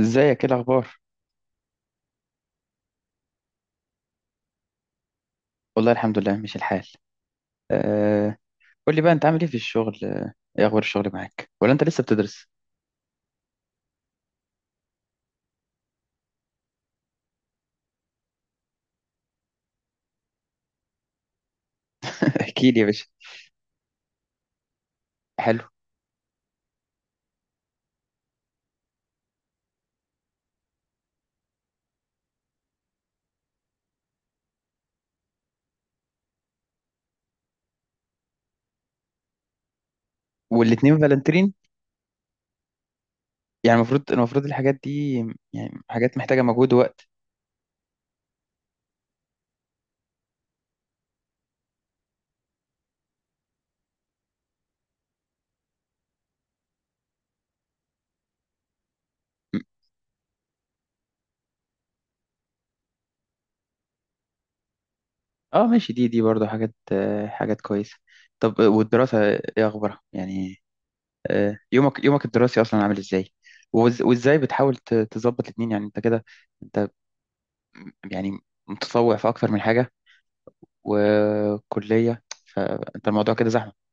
ازيك؟ ايه الاخبار؟ والله الحمد لله ماشي الحال. أه. قول لي بقى، انت عامل ايه في الشغل؟ ايه اخبار الشغل معاك؟ ولا انت لسه بتدرس؟ احكي لي يا باشا. حلو. والاتنين فالنترين؟ يعني المفروض الحاجات دي، يعني حاجات محتاجة مجهود ووقت. م- اه، ماشي. دي برضه حاجات، حاجات كويسة. طب، والدراسة ايه اخبارها يعني؟ يومك الدراسي اصلا عامل ازاي؟ وازاي بتحاول تظبط الاتنين يعني؟ انت كده، انت، يعني متطوع في اكتر من حاجة وكلية. فأنت الموضوع كده زحمة.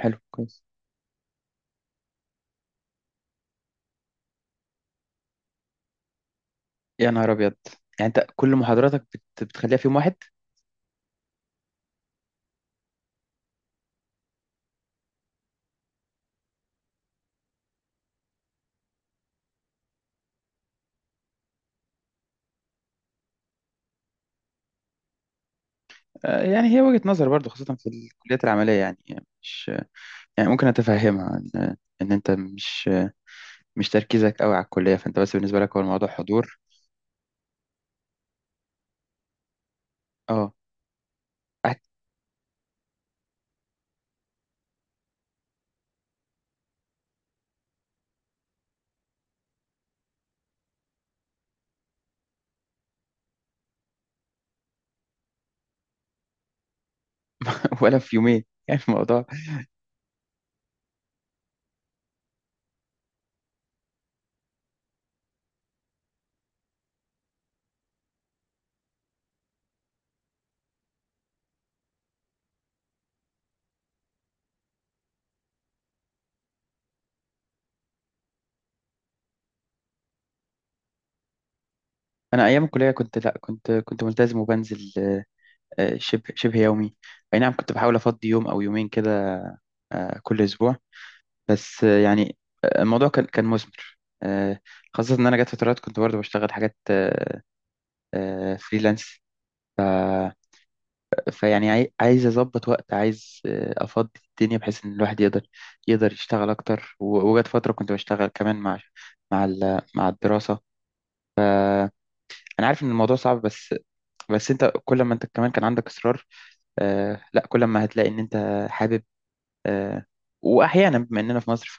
حلو، كويس. يا نهار أبيض! يعني أنت كل محاضراتك بتخليها في يوم واحد؟ يعني هي وجهة نظر برضو، خاصة في الكليات العملية، يعني مش، يعني ممكن أتفهمها، إن إن أنت مش تركيزك قوي على الكلية، فأنت بس بالنسبة لك هو الموضوع حضور. أه. قاعد. ولا في يومين، يعني الموضوع. أنا أيام الكلية كنت لأ، كنت ملتزم وبنزل، شبه، شبه يومي. أي نعم، كنت بحاول أفضي يوم أو يومين كده، كل أسبوع. بس، يعني، الموضوع كان مثمر. آه، خاصة إن أنا جت فترات كنت برضه بشتغل حاجات، فريلانس. فيعني عايز أظبط وقت، عايز أفضي الدنيا بحيث إن الواحد يقدر، يقدر يشتغل أكتر. وجت فترة كنت بشتغل كمان مع، مع الدراسة. أنا عارف إن الموضوع صعب، بس أنت كل ما أنت كمان كان عندك إصرار. لا، كل ما هتلاقي إن أنت حابب. آه، وأحيانا بما إننا في مصر،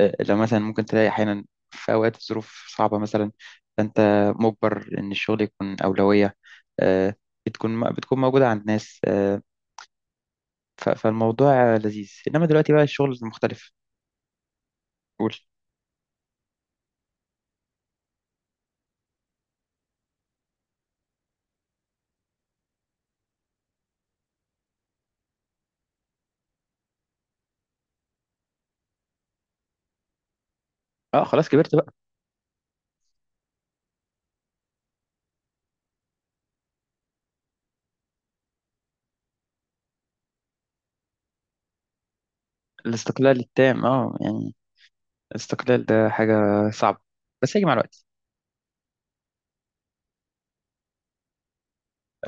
لو مثلا ممكن تلاقي أحيانا في أوقات الظروف صعبة مثلا، فأنت مجبر إن الشغل يكون أولوية. آه، بتكون موجودة عند ناس. فالموضوع لذيذ، إنما دلوقتي بقى الشغل مختلف. قول. اه، خلاص، كبرت بقى. الاستقلال التام، اه يعني الاستقلال ده حاجة صعبة، بس هيجي مع الوقت.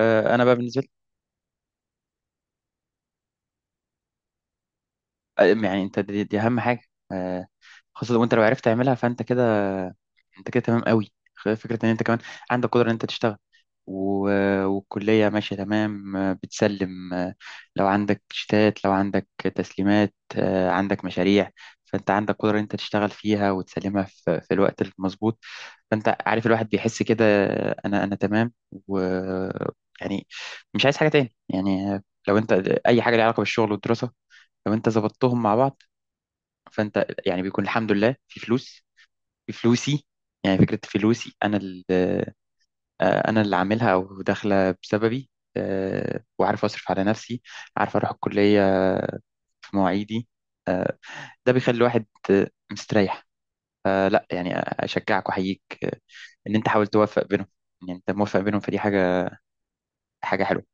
أنا بقى بالنسبة لي. يعني أنت دي أهم حاجة. آه، خاصة وأنت لو عرفت تعملها فأنت كده، انت كده تمام قوي. فكره ان انت كمان عندك قدره ان انت تشتغل، و... والكليه ماشيه تمام، بتسلم. لو عندك شتات، لو عندك تسليمات، عندك مشاريع، فانت عندك قدره ان انت تشتغل فيها وتسلمها في الوقت المظبوط. فانت عارف الواحد بيحس كده، انا، انا تمام و يعني، مش عايز حاجه تاني يعني. لو انت اي حاجه ليها علاقه بالشغل والدراسه، لو انت ظبطتهم مع بعض فانت يعني بيكون الحمد لله في فلوس. بفلوسي، يعني فكرة فلوسي أنا اللي، أنا اللي عاملها أو داخلة بسببي. وعارف أصرف على نفسي، عارف أروح الكلية في مواعيدي. آه، ده بيخلي الواحد مستريح. لا يعني أشجعك وأحييك. إن أنت حاول توفق بينهم، يعني أنت موفق بينهم فدي حاجة، حاجة حلوة.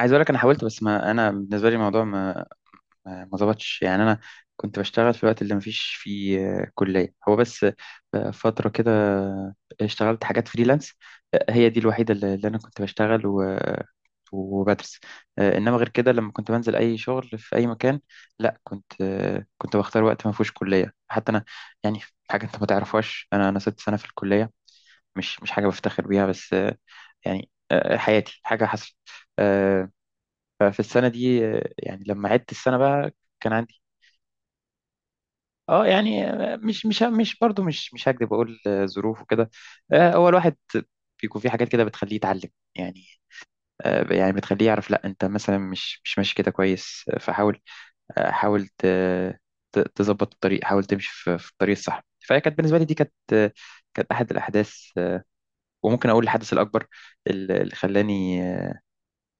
عايز أقول لك أنا حاولت، بس ما أنا بالنسبة لي الموضوع ما ظبطش يعني. انا كنت بشتغل في الوقت اللي مفيش فيه كلية. هو بس، فترة كده، اشتغلت حاجات فريلانس. هي دي الوحيدة اللي انا كنت بشتغل، وبدرس. انما غير كده لما كنت بنزل اي شغل في اي مكان، لا كنت، كنت بختار وقت ما فيهوش كلية. حتى انا يعني، حاجة انت ما تعرفهاش، انا، انا ست سنة في الكلية. مش حاجة بفتخر بيها، بس يعني، حياتي حاجة حصلت. آه، ففي السنة دي، يعني لما عدت السنة بقى كان عندي، اه يعني مش برضه مش هكدب اقول، ظروف وكده. هو الواحد بيكون في حاجات كده بتخليه يتعلم يعني، يعني بتخليه يعرف لا انت مثلا، مش ماشي كده كويس. فحاول، حاول تظبط الطريق، حاول تمشي في الطريق الصح. فهي كانت بالنسبه لي، دي كانت، كانت احد الاحداث، وممكن اقول الحدث الاكبر اللي خلاني،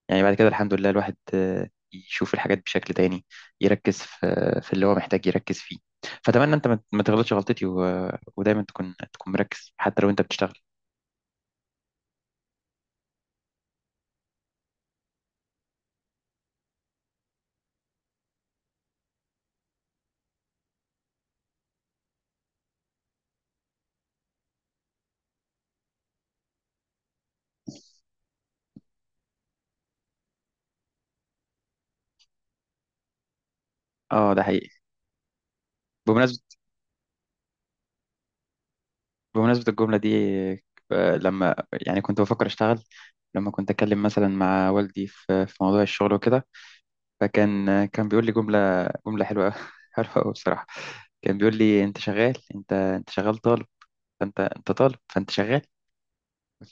يعني بعد كده الحمد لله الواحد يشوف الحاجات بشكل تاني، يركز في، في اللي هو محتاج يركز فيه. فأتمنى أنت ما تغلطش غلطتي، ودايما تكون، تكون مركز حتى لو أنت بتشتغل. اه ده حقيقي. بمناسبة، بمناسبة الجملة دي، لما يعني كنت بفكر أشتغل، لما كنت أتكلم مثلا مع والدي في في موضوع الشغل وكده، فكان، كان بيقول لي جملة، جملة حلوة حلوة أوي بصراحة. كان بيقول لي أنت شغال، أنت، أنت شغال طالب، فأنت، أنت طالب فأنت شغال،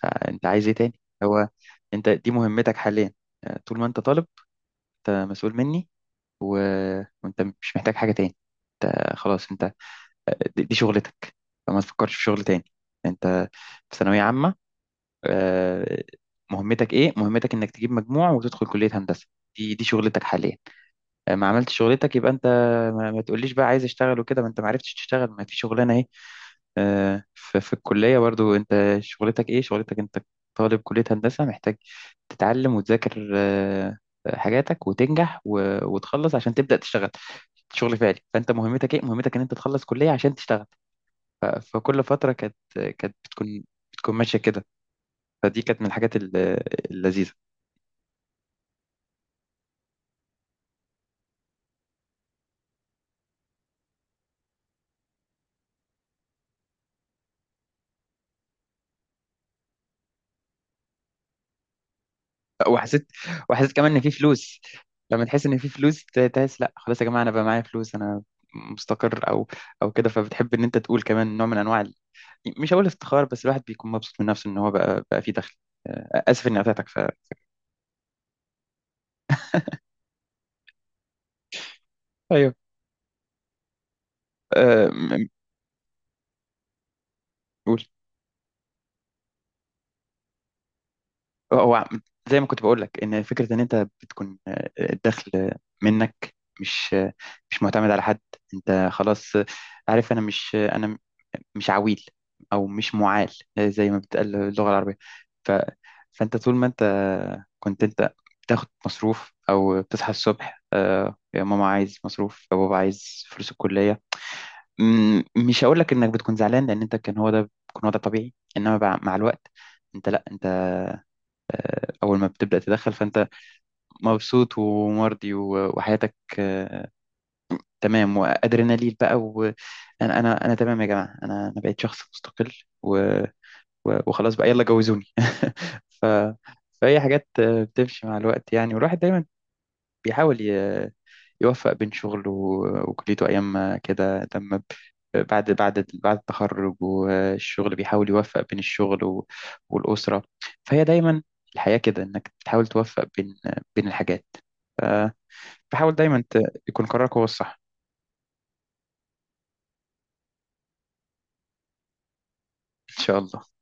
فانت عايز ايه تاني؟ هو انت دي مهمتك حاليا. طول ما انت طالب، انت مسؤول مني، و... وانت مش محتاج حاجة تاني. انت خلاص، انت دي، دي شغلتك. فما تفكرش في شغل تاني. انت في ثانوية عامة، آه، مهمتك ايه؟ مهمتك انك تجيب مجموع وتدخل كلية هندسة. دي، دي شغلتك حاليا. ما عملتش شغلتك يبقى انت، ما تقوليش بقى عايز اشتغل وكده. ما انت ما عرفتش تشتغل، ما في شغلانة. في الكلية برضو انت شغلتك ايه؟ شغلتك انت طالب كلية هندسة، محتاج تتعلم وتذاكر حاجاتك وتنجح وتخلص عشان تبدأ تشتغل شغل فعلي. فانت مهمتك ايه؟ مهمتك ان انت تخلص كلية عشان تشتغل. فكل فترة كانت، كانت بتكون، بتكون ماشية كده. فدي كانت من الحاجات اللذيذة. وحسيت، وحسيت كمان ان في فلوس. لما تحس ان في فلوس، تحس لا خلاص يا جماعة انا بقى معايا فلوس، انا مستقر، او كده. فبتحب ان انت تقول كمان نوع من انواع، مش هقول افتخار، بس الواحد بيكون مبسوط من نفسه ان هو بقى فيه دخل. اسف اني قطعتك ف. ايوه، آه، م- م- قول. هو عم- زي ما كنت بقول لك، ان فكره ان انت بتكون الدخل منك، مش، مش معتمد على حد. انت خلاص، عارف انا مش، انا مش عويل او مش معال، زي ما بتقال اللغه العربيه. ف... فانت طول ما انت كنت، انت بتاخد مصروف او بتصحى الصبح، يا ماما عايز مصروف، يا بابا عايز فلوس الكليه. مم، مش هقول لك انك بتكون زعلان لان انت كان هو ده، كان هو ده طبيعي. انما مع الوقت، انت لا انت اول ما بتبدا تدخل، فانت مبسوط ومرضي، وحياتك تمام، وادرينالين بقى، وانا، انا تمام يا جماعه، انا، انا بقيت شخص مستقل، و- وخلاص بقى يلا جوزوني ف. فهي حاجات بتمشي مع الوقت يعني. والواحد دايما بيحاول يوفق بين شغله وكليته، أيام ما كده لما بعد، بعد التخرج والشغل، بيحاول يوفق بين الشغل والأسرة. فهي دايما الحياة كده، إنك تحاول توفق بين، بين الحاجات. ف- فحاول دايما يكون قرارك هو الصح. إن شاء الله.